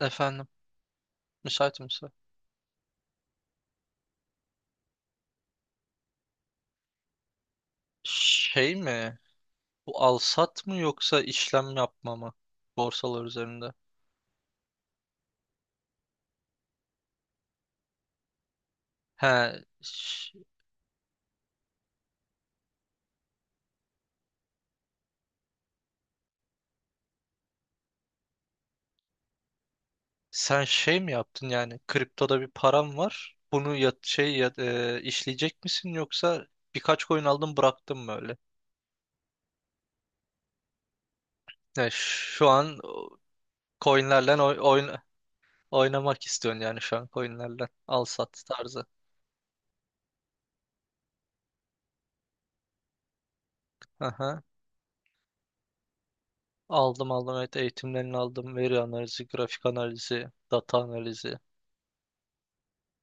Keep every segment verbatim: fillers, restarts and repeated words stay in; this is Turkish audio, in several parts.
Efendim, müsait misin? Şey mi? Bu alsat mı yoksa işlem yapma mı? Borsalar üzerinde. He, ş- sen şey mi yaptın yani? Kriptoda bir param var. Bunu ya, şey ya, e, işleyecek misin yoksa birkaç coin aldın bıraktın mı öyle? Yani şu an o coinlerle oy- oyn- oynamak istiyorsun yani şu an coinlerle. Alsat tarzı. Aha. Aldım, aldım, evet, eğitimlerini aldım. Veri analizi, grafik analizi, data analizi.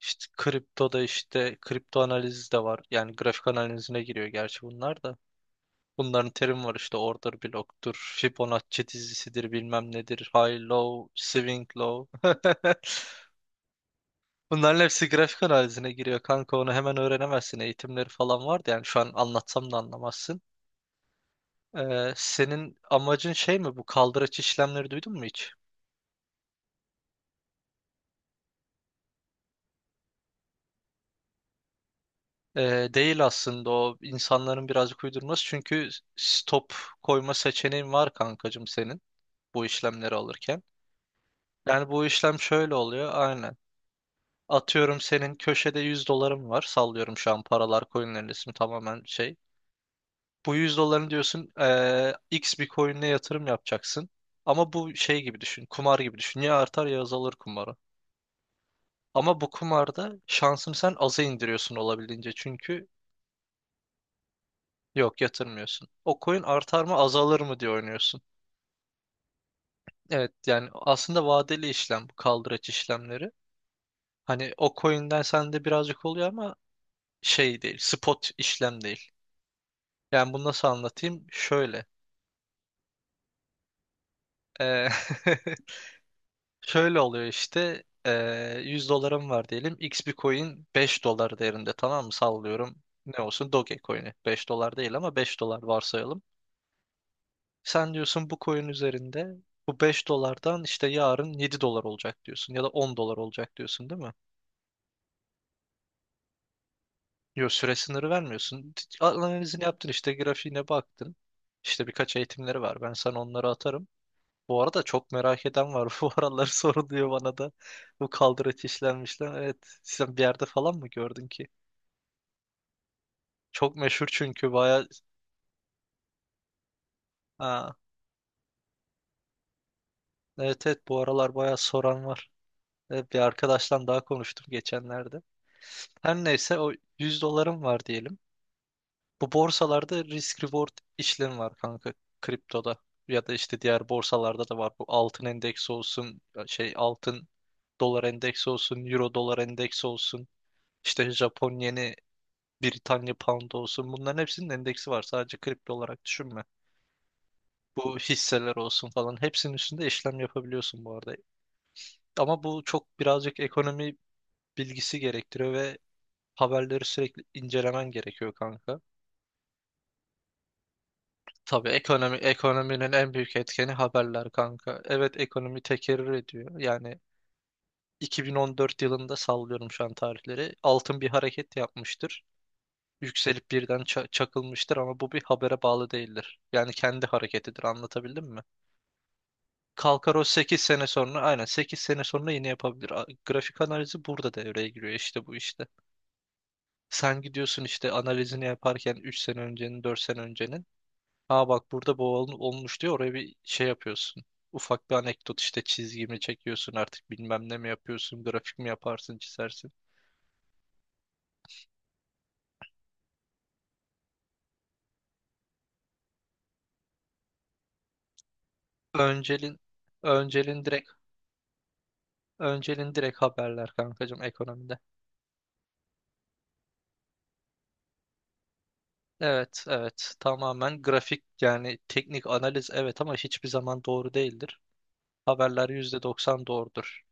İşte kripto da işte kripto analizi de var. Yani grafik analizine giriyor gerçi bunlar da. Bunların terim var işte order block'tur, Fibonacci dizisidir, bilmem nedir, high low, swing low. Bunların hepsi grafik analizine giriyor kanka, onu hemen öğrenemezsin. Eğitimleri falan vardı, yani şu an anlatsam da anlamazsın. Ee, senin amacın şey mi, bu kaldıraç işlemleri duydun mu hiç? Ee, değil aslında, o insanların birazcık uydurması, çünkü stop koyma seçeneğin var kankacığım senin, bu işlemleri alırken. Yani bu işlem şöyle oluyor aynen. Atıyorum, senin köşede yüz dolarım var. Sallıyorum şu an, paralar coinlerin ismi tamamen şey. Bu yüz doların diyorsun, eee, X bir coin'e yatırım yapacaksın. Ama bu şey gibi düşün. Kumar gibi düşün. Ya artar ya azalır kumarı. Ama bu kumarda şansını sen aza indiriyorsun olabildiğince. Çünkü yok yatırmıyorsun. O coin artar mı azalır mı diye oynuyorsun. Evet, yani aslında vadeli işlem bu kaldıraç işlemleri. Hani o coin'den sende birazcık oluyor ama şey değil, spot işlem değil. Yani bunu nasıl anlatayım? Şöyle. Ee, şöyle oluyor işte. Ee, yüz dolarım var diyelim. X bir coin beş dolar değerinde, tamam mı? Sallıyorum. Ne olsun? Dogecoin'i. Beş dolar değil ama beş dolar varsayalım. Sen diyorsun bu coin üzerinde, bu beş dolardan işte yarın yedi dolar olacak diyorsun ya da on dolar olacak diyorsun değil mi? Yok, süre sınırı vermiyorsun. Analizini yaptın, işte grafiğine baktın. İşte birkaç eğitimleri var. Ben sana onları atarım. Bu arada çok merak eden var. Bu aralar soruluyor bana da. Bu kaldıraç işlenmişler. Evet. Sen bir yerde falan mı gördün ki? Çok meşhur çünkü baya... Ha, evet evet, bu aralar baya soran var. Evet, bir arkadaştan daha konuştum geçenlerde. Her neyse, o yüz dolarım var diyelim. Bu borsalarda risk reward işlemi var kanka, kriptoda. Ya da işte diğer borsalarda da var. Bu altın endeksi olsun, şey altın dolar endeksi olsun, euro dolar endeksi olsun. İşte Japon yeni, Britanya Pound olsun, bunların hepsinin endeksi var. Sadece kripto olarak düşünme. Bu hisseler olsun falan, hepsinin üstünde işlem yapabiliyorsun bu arada. Ama bu çok birazcık ekonomi bilgisi gerektiriyor ve haberleri sürekli incelemen gerekiyor kanka. Tabii ekonomi ekonominin en büyük etkeni haberler kanka. Evet, ekonomi tekerrür ediyor. Yani iki bin on dört yılında sallıyorum şu an tarihleri. Altın bir hareket yapmıştır. Yükselip birden ça- çakılmıştır ama bu bir habere bağlı değildir. Yani kendi hareketidir, anlatabildim mi? Kalkar o sekiz sene sonra, aynen sekiz sene sonra yine yapabilir. A- Grafik analizi burada devreye giriyor işte, bu işte. Sen gidiyorsun işte analizini yaparken üç sene öncenin, dört sene öncenin. Ha, bak burada bu ol- olmuş diyor, oraya bir şey yapıyorsun. Ufak bir anekdot işte, çizgi mi çekiyorsun artık, bilmem ne mi yapıyorsun, grafik mi yaparsın, çizersin. Öncelin öncelin direkt öncelin direkt haberler kankacığım ekonomide. Evet evet, tamamen grafik, yani teknik analiz, evet, ama hiçbir zaman doğru değildir. Haberler yüzde doksan doğrudur.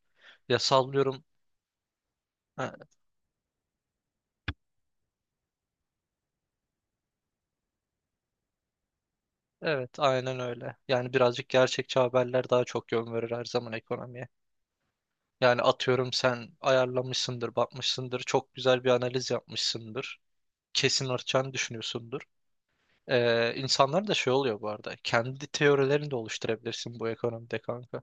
Ya, sallıyorum. Ha, evet, aynen öyle. Yani birazcık gerçekçi haberler daha çok yön verir her zaman ekonomiye. Yani atıyorum sen ayarlamışsındır, bakmışsındır, çok güzel bir analiz yapmışsındır. Kesin artacağını düşünüyorsundur. Ee, insanlar da şey oluyor bu arada. Kendi teorilerini de oluşturabilirsin bu ekonomide kanka.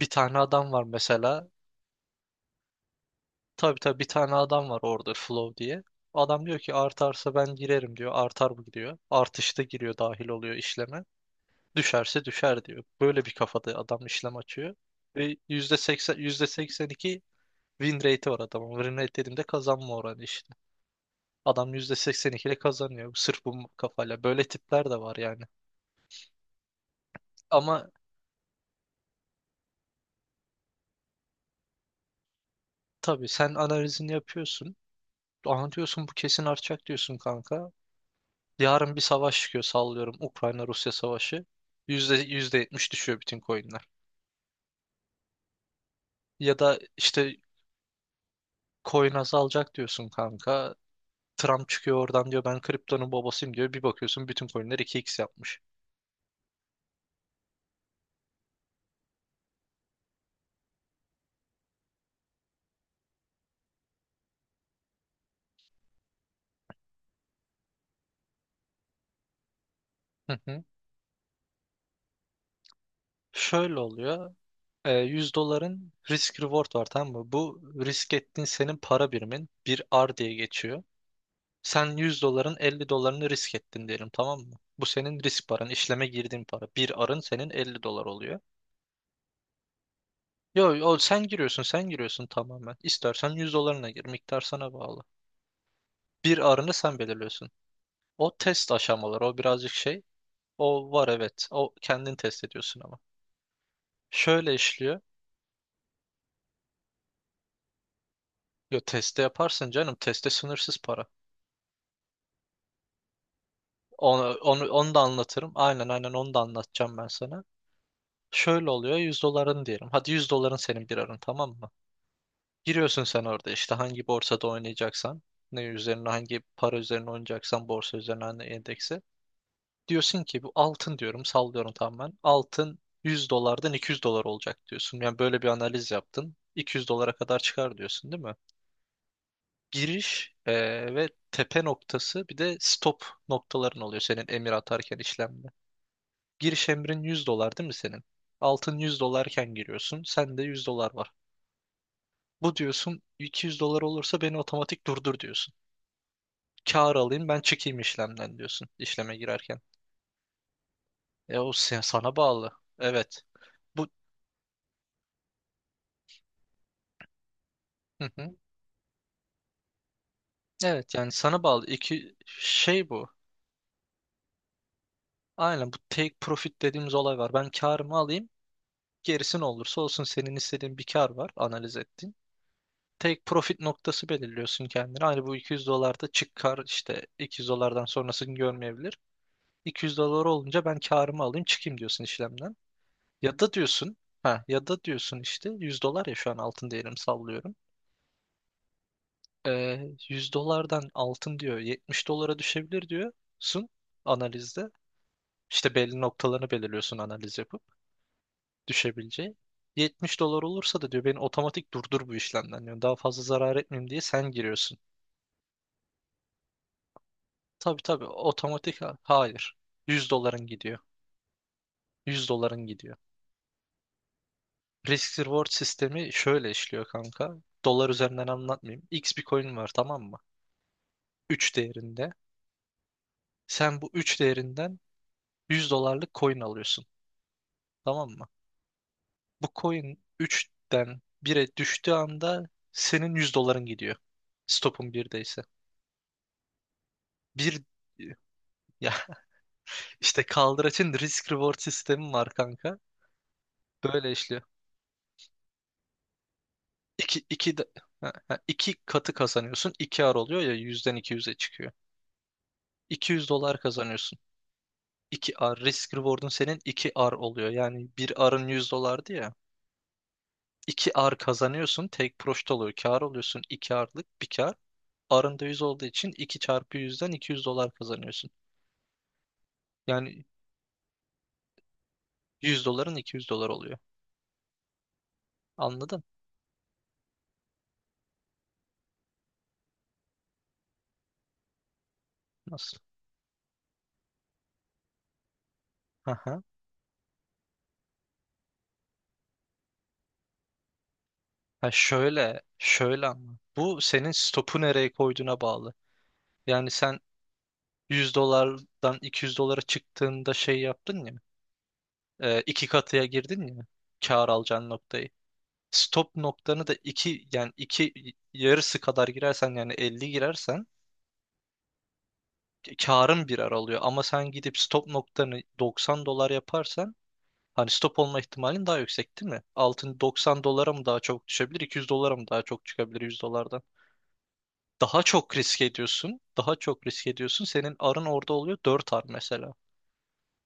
Bir tane adam var mesela. Tabii tabii, bir tane adam var orada, Flow diye. Adam diyor ki artarsa ben girerim diyor. Artar bu diyor. Artışta giriyor, dahil oluyor işleme. Düşerse düşer diyor. Böyle bir kafada adam işlem açıyor. Ve yüzde yüzde seksen yüzde seksen iki win rate'i var adamın. Win rate dediğimde kazanma oranı işte. Adam yüzde seksen iki ile kazanıyor. Sırf bu kafayla. Böyle tipler de var yani. Ama tabii sen analizini yapıyorsun. Aha diyorsun, bu kesin artacak diyorsun kanka. Yarın bir savaş çıkıyor sallıyorum. Ukrayna-Rusya savaşı. Yüzde, yüzde yetmiş düşüyor bütün coinler. Ya da işte coin azalacak diyorsun kanka. Trump çıkıyor oradan diyor, ben kriptonun babasıyım diyor. Bir bakıyorsun bütün coinler iki x yapmış. Hı hı. Şöyle oluyor. E, yüz doların risk reward var, tamam mı? Bu risk ettiğin, senin para birimin bir R diye geçiyor. Sen yüz doların elli dolarını risk ettin diyelim, tamam mı? Bu senin risk paran, işleme girdiğin para. Bir R'ın senin elli dolar oluyor. Yo, yo, sen giriyorsun, sen giriyorsun tamamen. İstersen yüz dolarına gir, miktar sana bağlı. Bir R'ını sen belirliyorsun. O test aşamaları, o birazcık şey. O var, evet. O kendin test ediyorsun ama. Şöyle işliyor. Yo, teste yaparsın canım. Teste sınırsız para. Onu, onu, onu da anlatırım. Aynen aynen, onu da anlatacağım ben sana. Şöyle oluyor, yüz doların diyelim. Hadi, yüz doların senin bir arın, tamam mı? Giriyorsun sen orada işte hangi borsada oynayacaksan. Ne üzerine, hangi para üzerine oynayacaksan, borsa üzerine, hangi endeksi. Diyorsun ki bu altın diyorum, sallıyorum tamamen. Altın yüz dolardan iki yüz dolar olacak diyorsun. Yani böyle bir analiz yaptın. iki yüz dolara kadar çıkar diyorsun değil mi? Giriş e, ve tepe noktası, bir de stop noktaların oluyor senin emir atarken işlemde. Giriş emrin yüz dolar değil mi senin? Altın yüz dolarken giriyorsun. Sende yüz dolar var. Bu diyorsun, iki yüz dolar olursa beni otomatik durdur diyorsun. Kâr alayım, ben çıkayım işlemden diyorsun işleme girerken. E o sen, sana bağlı. Evet. Bu hı hı. Evet, yani sana bağlı. İki şey bu. Aynen, bu take profit dediğimiz olay var. Ben kârımı alayım. Gerisi ne olursa olsun, senin istediğin bir kar var, analiz ettiğin. Tek profit noktası belirliyorsun kendine. Hani bu iki yüz dolarda çık kar, işte iki yüz dolardan sonrasını görmeyebilir. iki yüz dolar olunca ben karımı alayım, çıkayım diyorsun işlemden. Ya da diyorsun ha Ya da diyorsun işte yüz dolar, ya şu an altın değerim sallıyorum. Ee, yüz dolardan altın diyor yetmiş dolara düşebilir diyorsun analizde. İşte belli noktalarını belirliyorsun analiz yapıp, düşebileceği. yetmiş dolar olursa da diyor, beni otomatik durdur bu işlemden diyor. Daha fazla zarar etmeyeyim diye sen giriyorsun. Tabii tabii otomatik ha- hayır. Yüz doların gidiyor. Yüz doların gidiyor. Risk reward sistemi şöyle işliyor kanka. Dolar üzerinden anlatmayayım. X bir coin var, tamam mı? Üç değerinde. Sen bu üç değerinden yüz dolarlık coin alıyorsun. Tamam mı? Bu coin üçten bire düştüğü anda senin yüz doların gidiyor. Stopun birdeyse bir, ya, İşte kaldıraçın risk reward sistemi var kanka. Böyle işliyor. İki, iki, de- ha, ha, iki katı kazanıyorsun. İki ar oluyor ya, yüzden iki yüze çıkıyor. iki yüz dolar kazanıyorsun. İki ar risk reward'un, senin iki ar oluyor. Yani bir arın yüz dolardı ya. İki ar kazanıyorsun. Tek proşt oluyor. Kar oluyorsun. İki arlık bir kar. Arın da yüz olduğu için iki çarpı yüzden iki yüz dolar kazanıyorsun. Yani yüz doların iki yüz dolar oluyor. Anladın? Nasıl? Ha, şöyle, şöyle ama. Bu senin stopu nereye koyduğuna bağlı. Yani sen yüz dolardan iki yüz dolara çıktığında şey yaptın ya. e, iki katıya girdin ya. Kâr alacağın noktayı. Stop noktanı da iki, yani iki yarısı kadar girersen, yani elli girersen karın birer alıyor. Ama sen gidip stop noktanı doksan dolar yaparsan, hani stop olma ihtimalin daha yüksek değil mi? Altın doksan dolara mı daha çok düşebilir, iki yüz dolara mı daha çok çıkabilir yüz dolardan? Daha çok risk ediyorsun. Daha çok risk ediyorsun. Senin arın orada oluyor, dört ar mesela.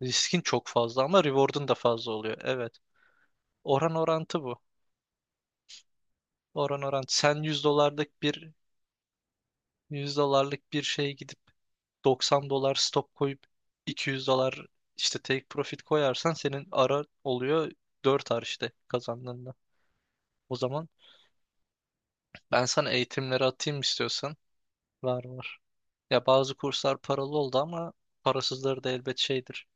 Riskin çok fazla ama reward'un da fazla oluyor. Evet. Oran orantı bu. Oran orantı. Sen yüz dolarlık bir yüz dolarlık bir şeye gidip doksan dolar stop koyup iki yüz dolar işte take profit koyarsan, senin ara oluyor dört ar işte kazandığında. O zaman ben sana eğitimleri atayım istiyorsan. Var, var. Ya, bazı kurslar paralı oldu ama parasızları da elbet şeydir.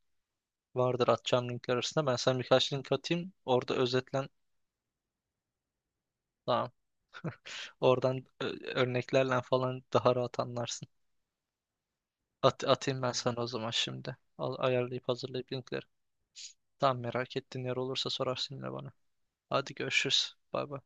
Vardır atacağım linkler arasında. Ben sana birkaç link atayım. Orada özetlen. Tamam. Oradan ö- örneklerle falan daha rahat anlarsın. At atayım ben sana o zaman şimdi. Al ayarlayıp hazırlayıp linkleri. Tamam, merak ettiğin yer olursa sorarsın yine bana. Hadi görüşürüz. Bay bay.